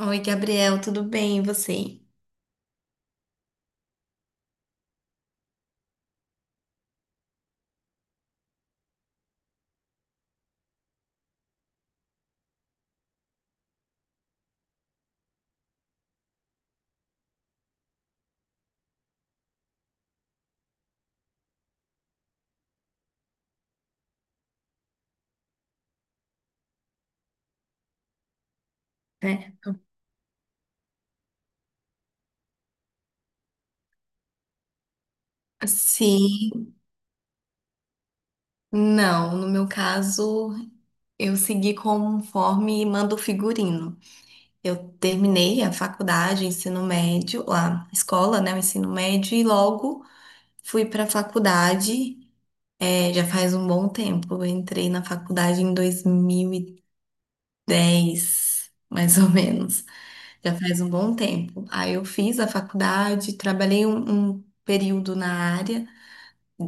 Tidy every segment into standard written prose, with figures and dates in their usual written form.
Oi, Gabriel, tudo bem? E você? É. então, Sim, não. No meu caso, eu segui conforme manda o figurino. Eu terminei a faculdade, ensino médio, a escola, né, o ensino médio, e logo fui para a faculdade. É, já faz um bom tempo. Eu entrei na faculdade em 2010, mais ou menos. Já faz um bom tempo. Aí eu fiz a faculdade, trabalhei um período na área.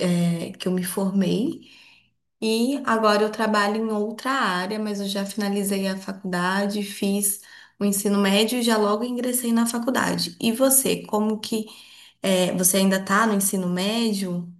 Que eu me formei e agora eu trabalho em outra área, mas eu já finalizei a faculdade, fiz o ensino médio e já logo ingressei na faculdade. E você, como que é, você ainda está no ensino médio?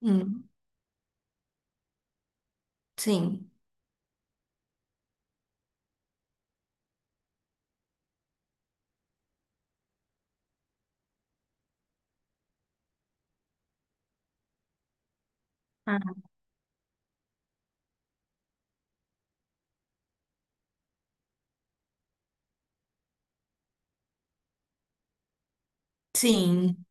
Hum, sim. Ah, sim.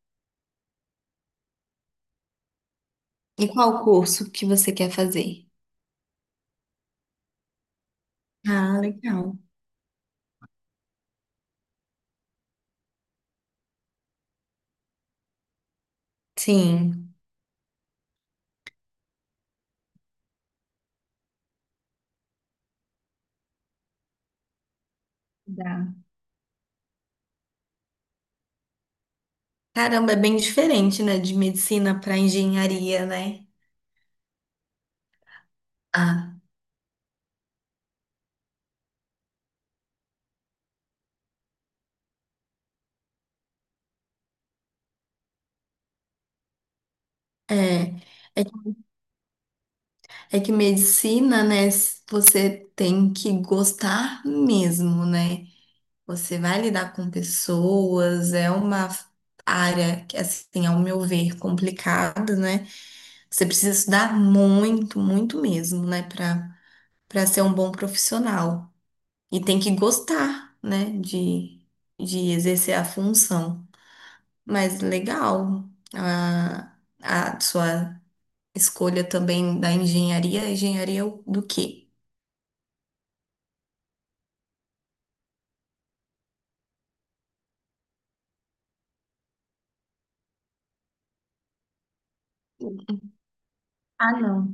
E qual curso que você quer fazer? Ah, legal. Sim. Dá. Caramba, é bem diferente, né, de medicina para engenharia, né? Ah, é. É. É que medicina, né? Você tem que gostar mesmo, né? Você vai lidar com pessoas, é uma área que, assim, ao meu ver, complicada, né? Você precisa estudar muito, muito mesmo, né? Para para ser um bom profissional. E tem que gostar, né? De exercer a função. Mas legal, a, a sua escolha também da engenharia. Engenharia do quê? Ah, não.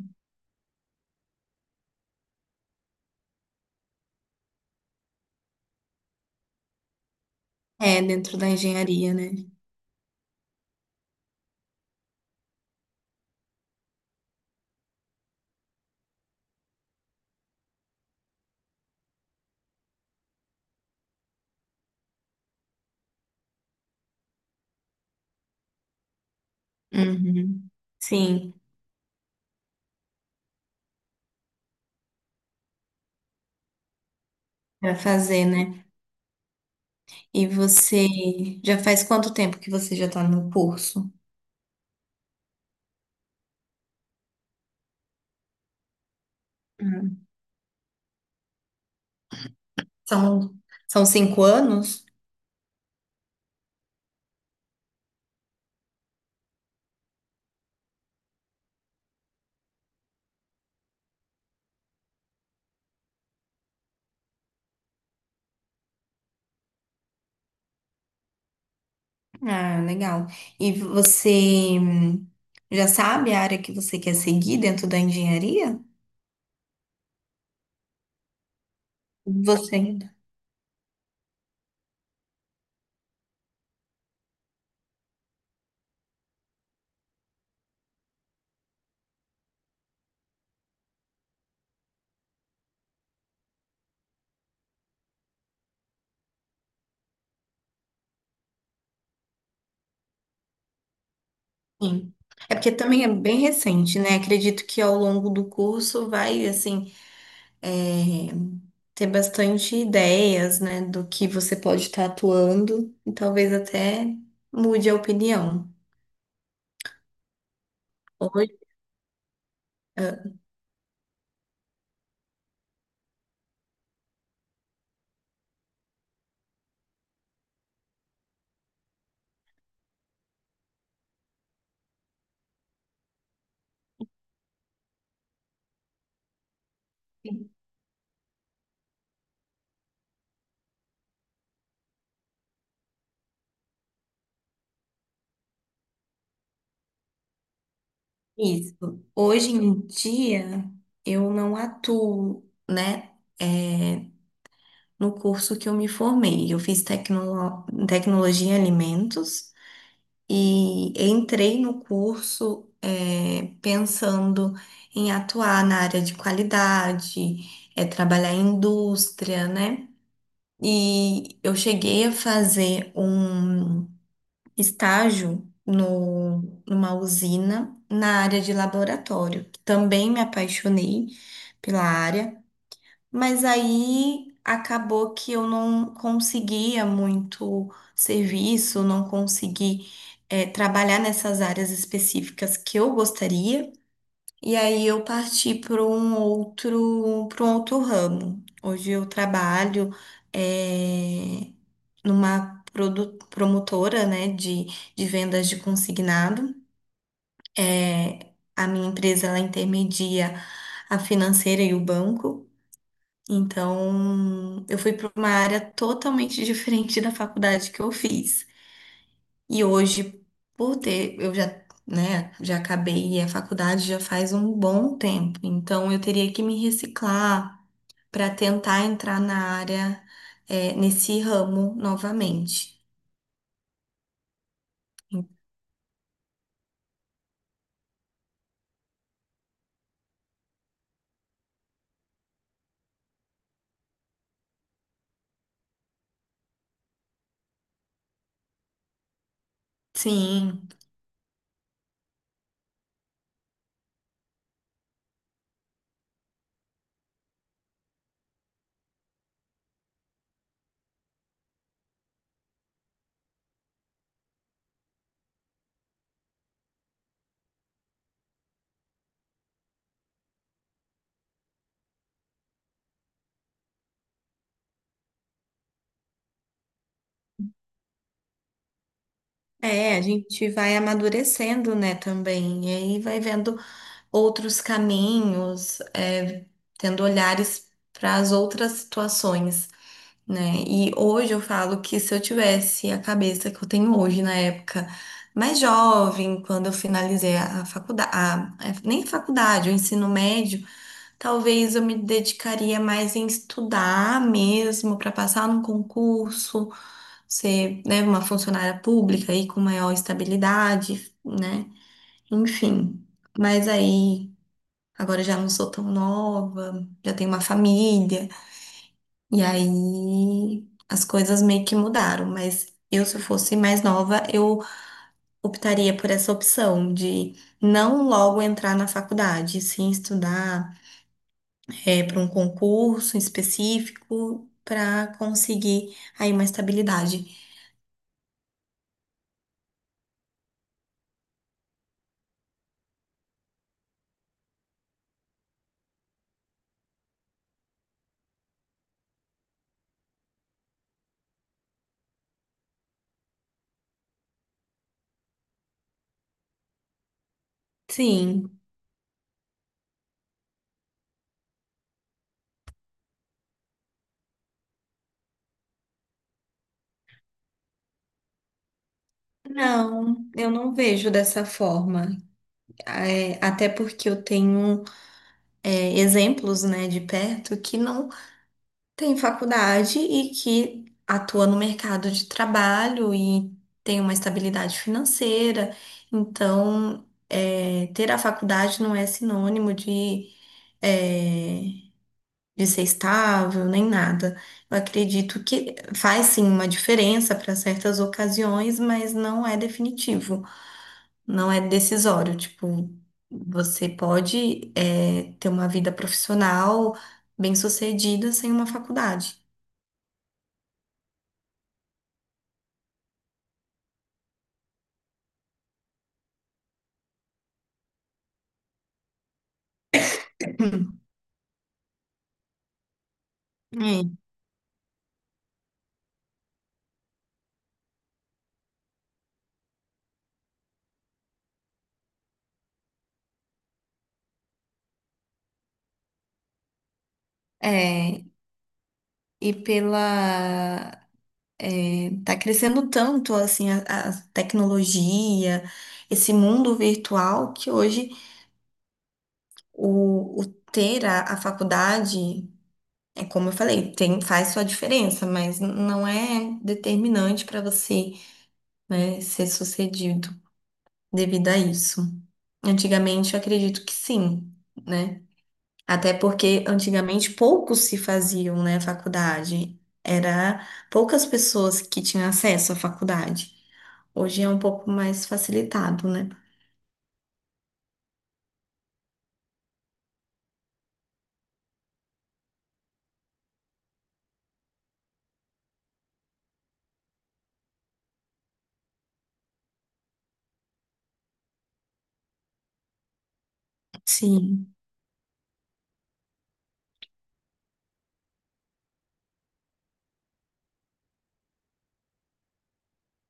É, dentro da engenharia, né? Uhum. Sim, para fazer, né? E você já faz quanto tempo que você já está no curso? Hum. São, são 5 anos? Ah, legal. E você já sabe a área que você quer seguir dentro da engenharia? Você ainda? Sim. É porque também é bem recente, né? Acredito que ao longo do curso vai, assim, é, ter bastante ideias, né, do que você pode estar atuando e talvez até mude a opinião. Hoje, ah, isso. Hoje em dia, eu não atuo, né, é, no curso que eu me formei. Eu fiz tecnologia em alimentos e entrei no curso, é, pensando em atuar na área de qualidade, é, trabalhar em indústria, né? E eu cheguei a fazer um estágio no, numa usina na área de laboratório. Também me apaixonei pela área, mas aí acabou que eu não conseguia muito serviço, não consegui, trabalhar nessas áreas específicas que eu gostaria. E aí eu parti para um outro ramo. Hoje eu trabalho eh, numa promotora, né, de vendas de consignado. Eh, a minha empresa ela intermedia a financeira e o banco. Então eu fui para uma área totalmente diferente da faculdade que eu fiz. E hoje, por ter, eu já, né, já acabei a faculdade já faz um bom tempo, então eu teria que me reciclar para tentar entrar na área, é, nesse ramo novamente. Sim, é, a gente vai amadurecendo, né, também, e aí vai vendo outros caminhos, é, tendo olhares para as outras situações. Né? E hoje eu falo que se eu tivesse a cabeça que eu tenho hoje, na época mais jovem, quando eu finalizei a faculdade, nem faculdade, o ensino médio, talvez eu me dedicaria mais em estudar mesmo para passar num concurso, ser, né, uma funcionária pública aí com maior estabilidade, né? Enfim. Mas aí, agora eu já não sou tão nova, já tenho uma família. E aí as coisas meio que mudaram, mas eu, se eu fosse mais nova, eu optaria por essa opção de não logo entrar na faculdade, sim estudar para um concurso específico para conseguir aí uma estabilidade. Sim, não, eu não vejo dessa forma. É, até porque eu tenho é, exemplos, né, de perto que não tem faculdade e que atua no mercado de trabalho e tem uma estabilidade financeira. Então, é, ter a faculdade não é sinônimo de, é, de ser estável nem nada. Eu acredito que faz sim uma diferença para certas ocasiões, mas não é definitivo, não é decisório. Tipo, você pode, é, ter uma vida profissional bem-sucedida sem uma faculdade. É, é, e pela. É, tá crescendo tanto assim a tecnologia, esse mundo virtual, que hoje o ter a faculdade, é como eu falei, tem, faz sua diferença, mas não é determinante para você, né, ser sucedido devido a isso. Antigamente eu acredito que sim, né? Até porque antigamente poucos se faziam, né, faculdade. Era poucas pessoas que tinham acesso à faculdade. Hoje é um pouco mais facilitado, né? Sim,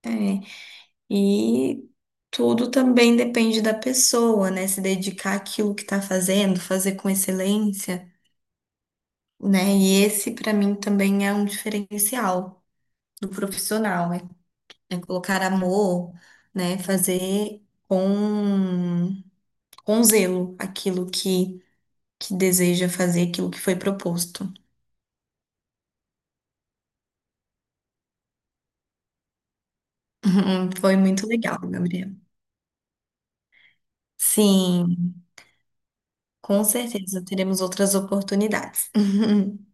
é. E tudo também depende da pessoa, né? Se dedicar àquilo que está fazendo, fazer com excelência, né? E esse, para mim, também é um diferencial do profissional, né? É colocar amor, né? Fazer com com zelo aquilo que deseja fazer, aquilo que foi proposto. Foi muito legal, Gabriel. Sim, com certeza teremos outras oportunidades.